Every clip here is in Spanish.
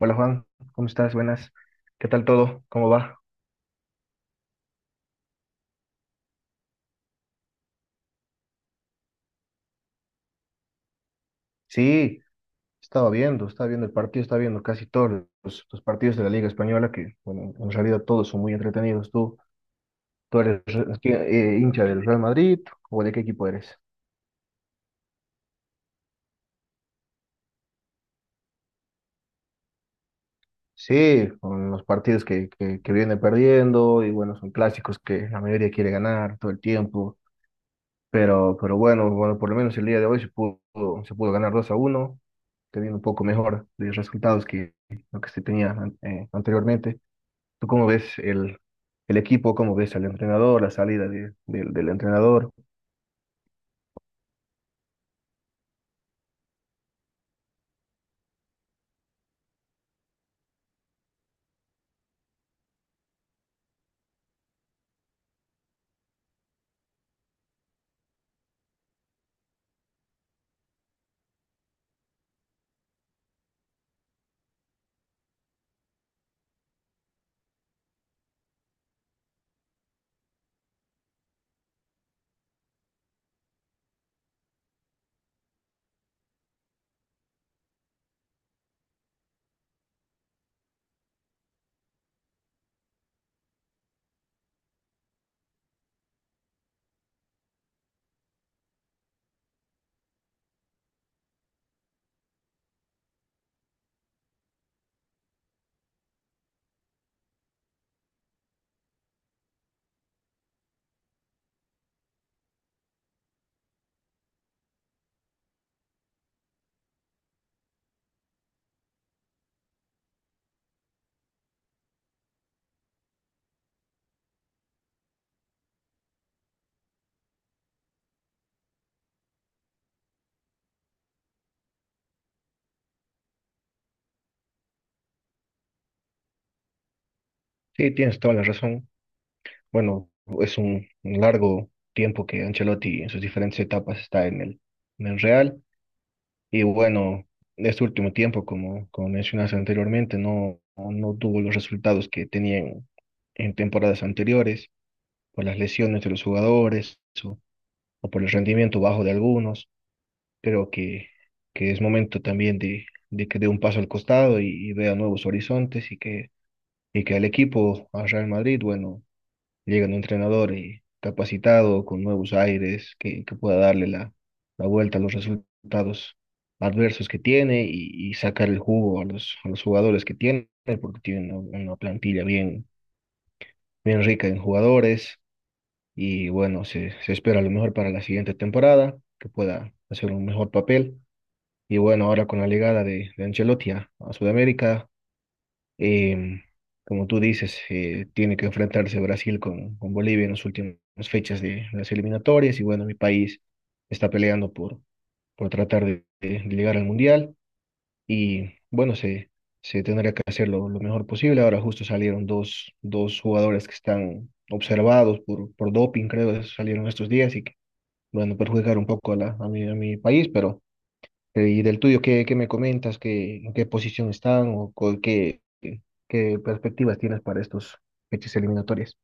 Hola Juan, ¿cómo estás? Buenas. ¿Qué tal todo? ¿Cómo va? Sí, estaba viendo el partido, estaba viendo casi todos los partidos de la Liga Española, que bueno, en realidad todos son muy entretenidos. ¿Tú eres hincha del Real Madrid o de qué equipo eres? Sí, con los partidos que viene perdiendo y bueno, son clásicos que la mayoría quiere ganar todo el tiempo. Pero bueno, por lo menos el día de hoy se pudo ganar 2-1, que viene un poco mejor de resultados que lo que se tenía anteriormente. ¿Tú cómo ves el equipo? ¿Cómo ves al entrenador? La salida del entrenador. Sí, tienes toda la razón. Bueno, es un largo tiempo que Ancelotti, en sus diferentes etapas, está en el Real. Y bueno, este último tiempo, como como mencionaste anteriormente, no tuvo los resultados que tenían en temporadas anteriores, por las lesiones de los jugadores o por el rendimiento bajo de algunos. Creo que es momento también de que dé un paso al costado, y vea nuevos horizontes, y que el equipo, a Real Madrid, bueno, llega un entrenador y capacitado, con nuevos aires, que pueda darle la vuelta a los resultados adversos que tiene, y sacar el jugo a los jugadores que tiene, porque tiene una plantilla bien, bien rica en jugadores, y bueno, se espera lo mejor para la siguiente temporada, que pueda hacer un mejor papel. Y bueno, ahora con la llegada de Ancelotti a Sudamérica, Em, como tú dices, tiene que enfrentarse Brasil con Bolivia en las últimas fechas de las eliminatorias, y bueno, mi país está peleando por tratar de llegar al Mundial, y bueno, se tendrá que hacer lo mejor posible. Ahora justo salieron dos jugadores que están observados por doping, creo, salieron estos días, y que, bueno, perjudicar un poco a mi país, pero. Y del tuyo, ¿qué me comentas? ¿Qué, en qué posición están, o qué perspectivas tienes para estos fechas eliminatorias?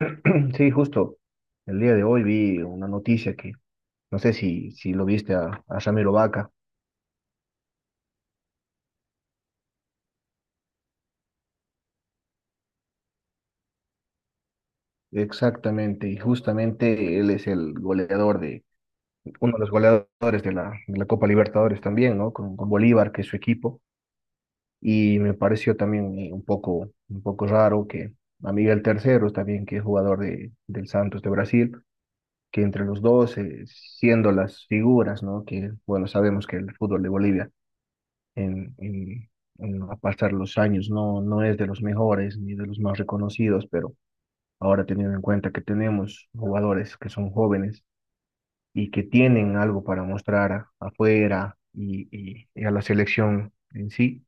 Sí, justo el día de hoy vi una noticia que no sé si lo viste a Ramiro Vaca. Exactamente, y justamente él es el goleador, uno de los goleadores de la Copa Libertadores también, ¿no? Con Bolívar, que es su equipo. Y me pareció también, un poco raro que a Miguel Terceros, también, que es jugador del Santos de Brasil, que entre los dos, siendo las figuras, ¿no? Que, bueno, sabemos que el fútbol de Bolivia, en, en, en a pasar los años, no es de los mejores ni de los más reconocidos, pero ahora, teniendo en cuenta que tenemos jugadores que son jóvenes y que tienen algo para mostrar afuera, y a la selección en sí,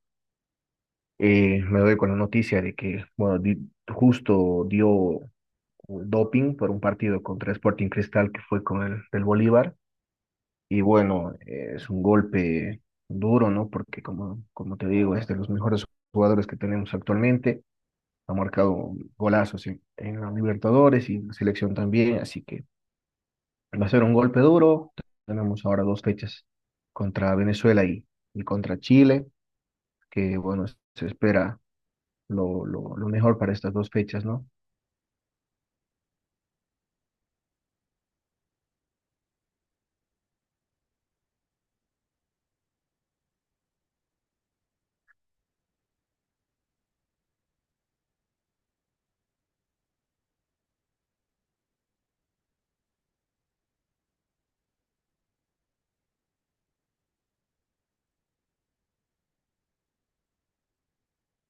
me doy con la noticia de que, bueno, justo dio, doping por un partido contra Sporting Cristal, que fue con el del Bolívar. Y bueno, es un golpe duro, ¿no? Porque, como te digo, es de los mejores jugadores que tenemos actualmente. Ha marcado golazos en la Libertadores y en la selección también, así que va a ser un golpe duro. Tenemos ahora dos fechas contra Venezuela y contra Chile, que, bueno, se espera lo mejor para estas dos fechas, ¿no?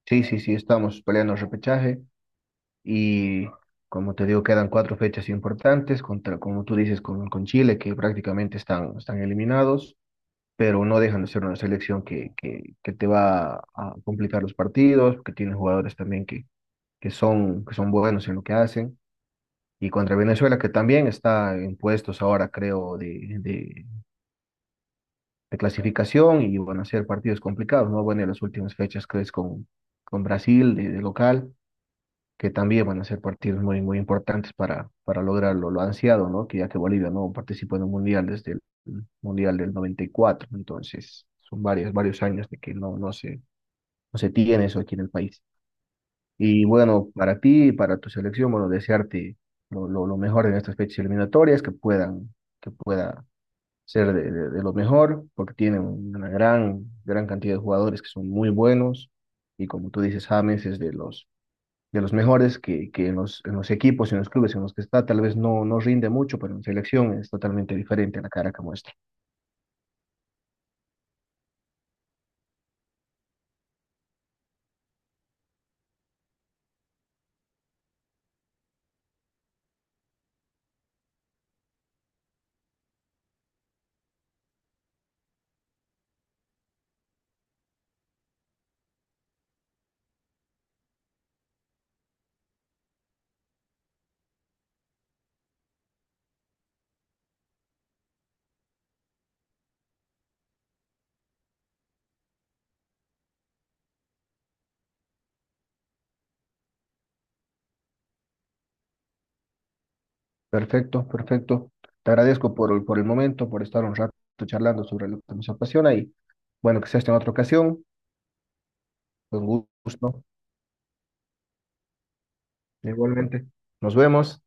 Sí, sí, sí, estamos peleando el repechaje. Y como te digo, quedan cuatro fechas importantes, contra, como tú dices, con Chile, que prácticamente están eliminados, pero no dejan de ser una selección que te va a complicar los partidos, que tiene jugadores también que son buenos en lo que hacen. Y contra Venezuela, que también está en puestos ahora, creo, de clasificación, y van a ser partidos complicados, ¿no? Bueno, en las últimas fechas, crees, con Brasil de local, que también van a ser partidos muy, muy importantes para lograrlo, lo ansiado, ¿no? Que ya que Bolivia no participó en un mundial desde el mundial del 94, entonces son varios años de que no se tiene eso aquí en el país. Y bueno, para ti y para tu selección, bueno, desearte lo mejor en estas fechas eliminatorias, que puedan, que pueda ser de lo mejor, porque tienen una gran, gran cantidad de jugadores que son muy buenos, y como tú dices, James es de los mejores, que en los equipos, en los clubes en los que está, tal vez no rinde mucho, pero en selección es totalmente diferente a la cara que muestra. Perfecto, perfecto. Te agradezco por el momento, por estar un rato charlando sobre lo que nos apasiona, y bueno, que sea esta en otra ocasión. Con gusto. Igualmente. Nos vemos.